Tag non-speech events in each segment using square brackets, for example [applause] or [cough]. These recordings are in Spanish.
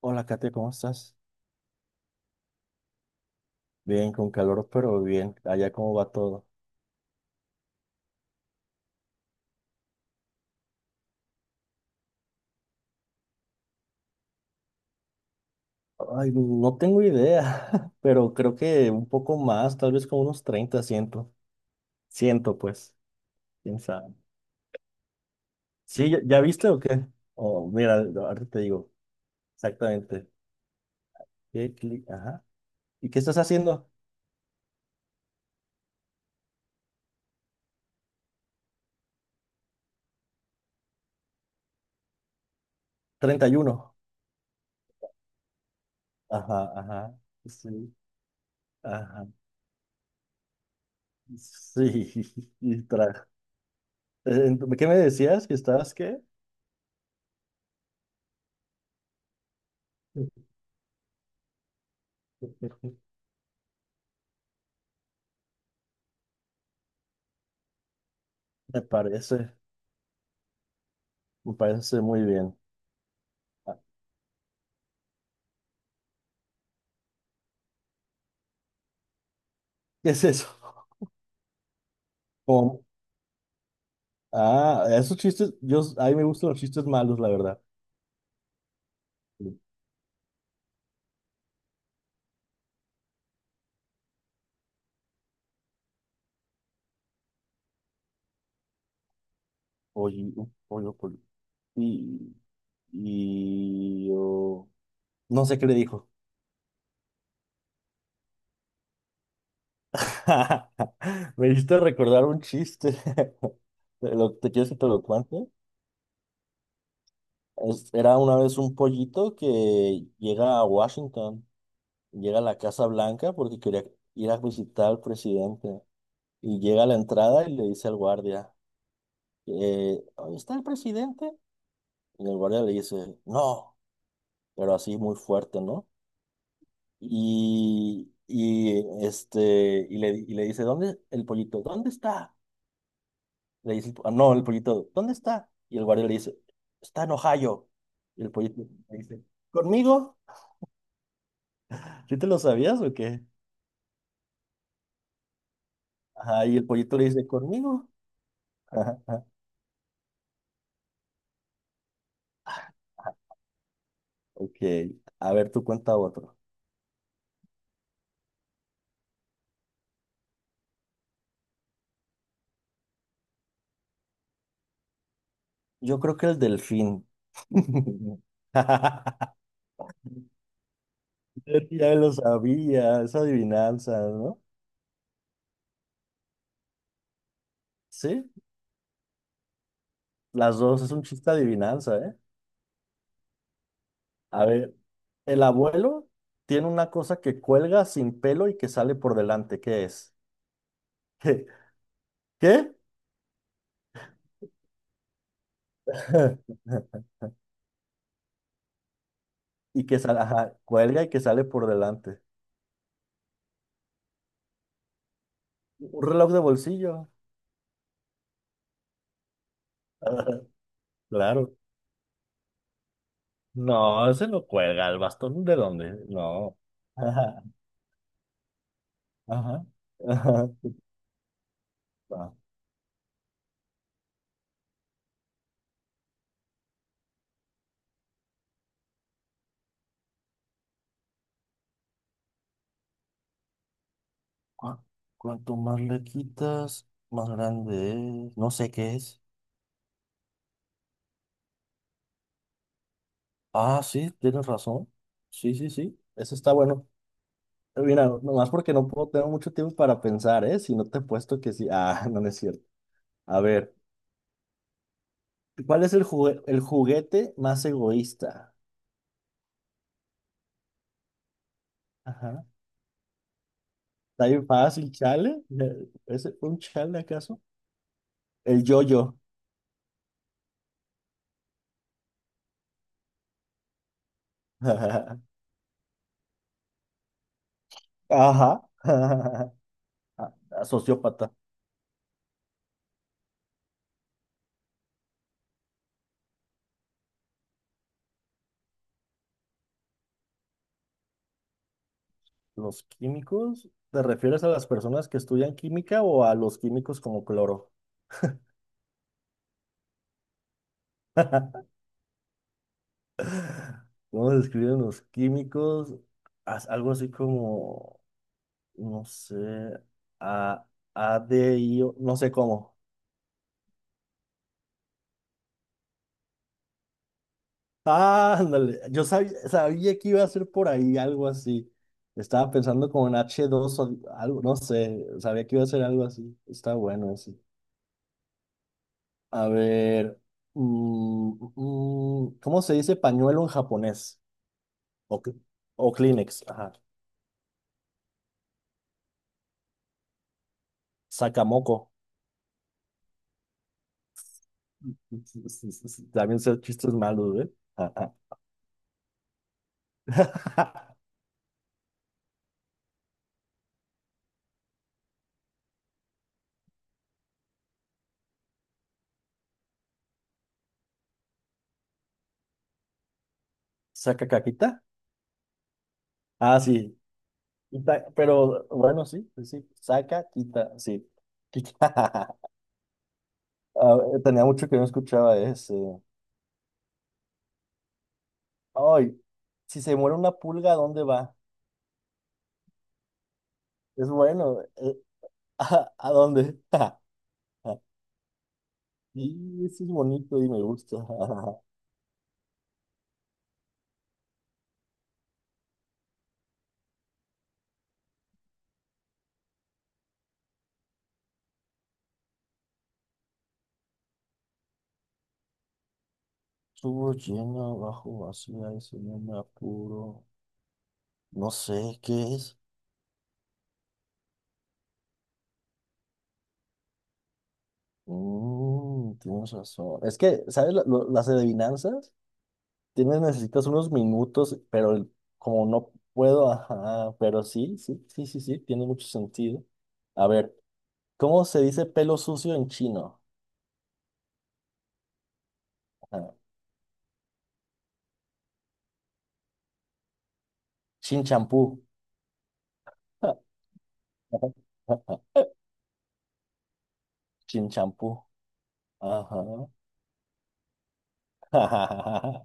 Hola, Katia, ¿cómo estás? Bien, con calor, pero bien. Allá, ¿cómo va todo? Ay, no tengo idea, [laughs] pero creo que un poco más, tal vez como unos 30 siento. Ciento pues, quién sabe. Sí, ¿ya viste o qué? Oh, mira, ahorita te digo, exactamente. Ajá. ¿Y qué estás haciendo? 31. Ajá, ajá. Sí, ajá. Sí, [laughs] y tra- ¿Qué me decías? ¿Que estabas qué? [laughs] Me parece, me parece muy bien. Ah, ¿qué es eso? Com- Ah, esos chistes, yo, a mí me gustan los chistes malos, la verdad. Oye, pollo y, y yo- no sé qué le dijo. [laughs] Me hiciste recordar un chiste. [laughs] ¿Te quieres que te lo cuente? Era una vez un pollito que llega a Washington, llega a la Casa Blanca porque quería ir a visitar al presidente. Y llega a la entrada y le dice al guardia, "¿Ahí está el presidente?" Y el guardia le dice, no, pero así muy fuerte, ¿no? Y le dice, ¿dónde el pollito? ¿Dónde está? Le dice, el po- ah, no, el pollito, ¿dónde está? Y el guardia le dice, está en Ohio. Y el pollito le dice, ¿conmigo? ¿Sí te lo sabías o qué? Ajá, y el pollito le dice, ¿conmigo? [laughs] Ajá, ok, a ver, tú cuenta otro. Yo creo que el delfín. [laughs] Ya lo sabía, es adivinanza, ¿no? Sí, las dos, es un chiste adivinanza, ¿eh? A ver, el abuelo tiene una cosa que cuelga sin pelo y que sale por delante. ¿Qué es? ¿Qué? ¿Qué? [laughs] Y que sale, ajá, cuelga y que sale por delante. Un reloj de bolsillo. [laughs] Claro. No, ese lo cuelga. ¿El bastón de dónde? No. Ajá, ajá, ajá. Va. Cu- Cuanto más le quitas, más grande es. No sé qué es. Ah, sí, tienes razón. Sí, sí, sí. Eso está bueno. Mira, nomás porque no puedo, tengo mucho tiempo para pensar, ¿eh? Si no te he puesto que sí. Ah, [laughs] no, no es cierto. A ver, ¿cuál es el juguete más egoísta? Ajá. ¿Está bien fácil, chale? [laughs] ¿Es un chale acaso? El yo-yo. [laughs] Ajá. [laughs] Ah, sociópata. ¿Los químicos? ¿Te refieres a las personas que estudian química o a los químicos como cloro? [laughs] ¿Cómo se describen los químicos? Haz algo así como. No sé, a, no sé cómo. Ah, ándale, yo sabía, sabía que iba a ser por ahí algo así. Estaba pensando como en H2 o algo, no sé, sabía que iba a ser algo así. Está bueno así. A ver, ¿cómo se dice pañuelo en japonés? O, cl- o Kleenex, ajá. Sakamoko. [laughs] También ser chistes malos, ¿eh? Ajá. [laughs] ¿Saca caquita? Ah, sí. Quita, pero bueno, sí, sí, sí, saca, quita, sí, quita. [laughs] A ver, tenía mucho que no escuchaba ese. Ay, si se muere una pulga, ¿a dónde va? Es bueno, [laughs] ¿a dónde? [laughs] Y eso es bonito y me gusta. [laughs] Estuvo lleno, bajo, vacía, eso no me apuro. No sé qué es. Mm, tienes razón. Es que, ¿sabes las adivinanzas? Tienes, necesitas unos minutos, pero como no puedo, ajá, pero sí, sí, sí, sí, sí, tiene mucho sentido. A ver, ¿cómo se dice pelo sucio en chino? Ajá. Chin champú. [laughs] Ajá, ajá. Chin champú. Ajá. [laughs]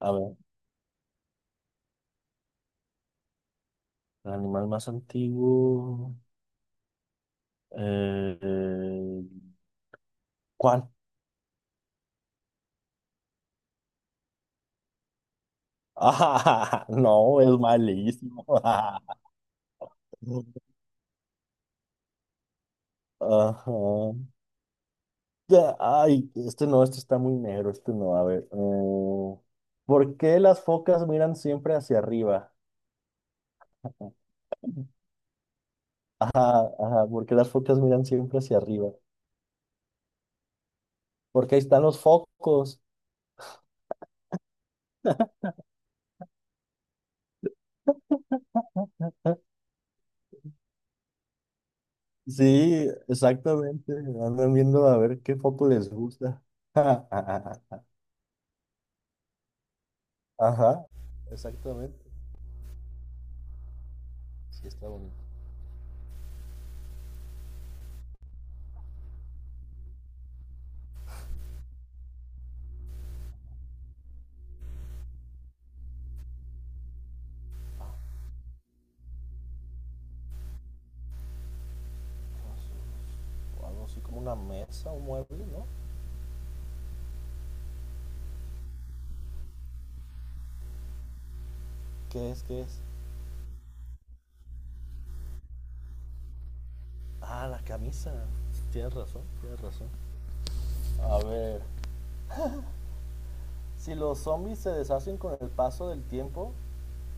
A ver, el animal más antiguo. Eh, eh, ¿Cuál? [laughs] No, es malísimo. [laughs] Ajá. Ya, ay, este no, este está muy negro, este no, a ver. ¿Por qué las focas miran siempre hacia arriba? Ajá, ajá, ¿por qué las focas miran siempre hacia arriba? Porque ahí están los focos. Sí, exactamente. Andan viendo a ver qué foco les gusta. [laughs] Ajá, exactamente. Sí, está bonito. O algo así como una mesa, un mueble, ¿no? ¿Qué es? ¿Qué es? Ah, la camisa. Tienes razón, tienes razón. A ver. Si los zombies se deshacen con el paso del tiempo,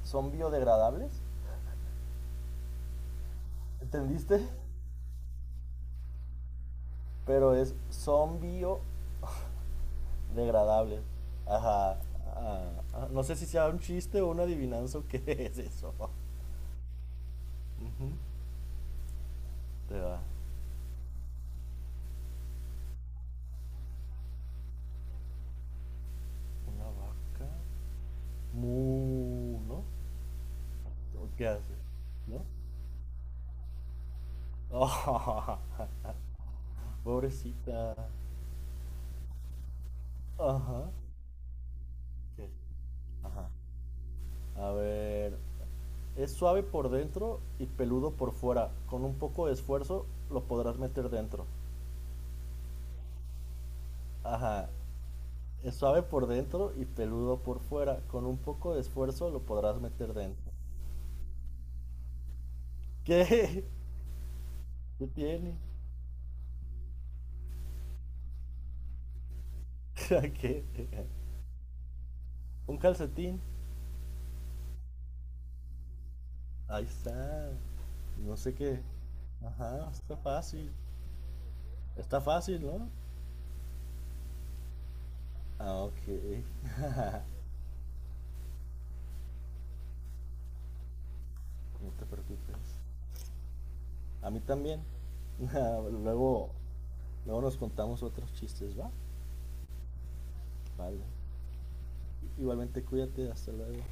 ¿son biodegradables? ¿Entendiste? [laughs] Pero es son biodegradables. Ajá. No sé si sea un chiste o una adivinanza o qué [laughs] es eso. Ujú. Te va. Una vaca. Mu, ¿no? ¿O qué hace? ¿No? [laughs] Pobrecita. Ajá. ¿Qué? Ajá. A ver. Es suave por dentro y peludo por fuera. Con un poco de esfuerzo lo podrás meter dentro. Ajá. Es suave por dentro y peludo por fuera. Con un poco de esfuerzo lo podrás meter dentro. [laughs] ¿Qué? ¿Qué tiene? [laughs] ¿Qué? Un calcetín. Ahí está. No sé qué. Ajá, está fácil. Está fácil, ¿no? Ah, ok. [laughs] No te preocupes. A mí también. [laughs] Luego, luego nos contamos otros chistes, ¿va? Vale. Igualmente cuídate, hasta luego.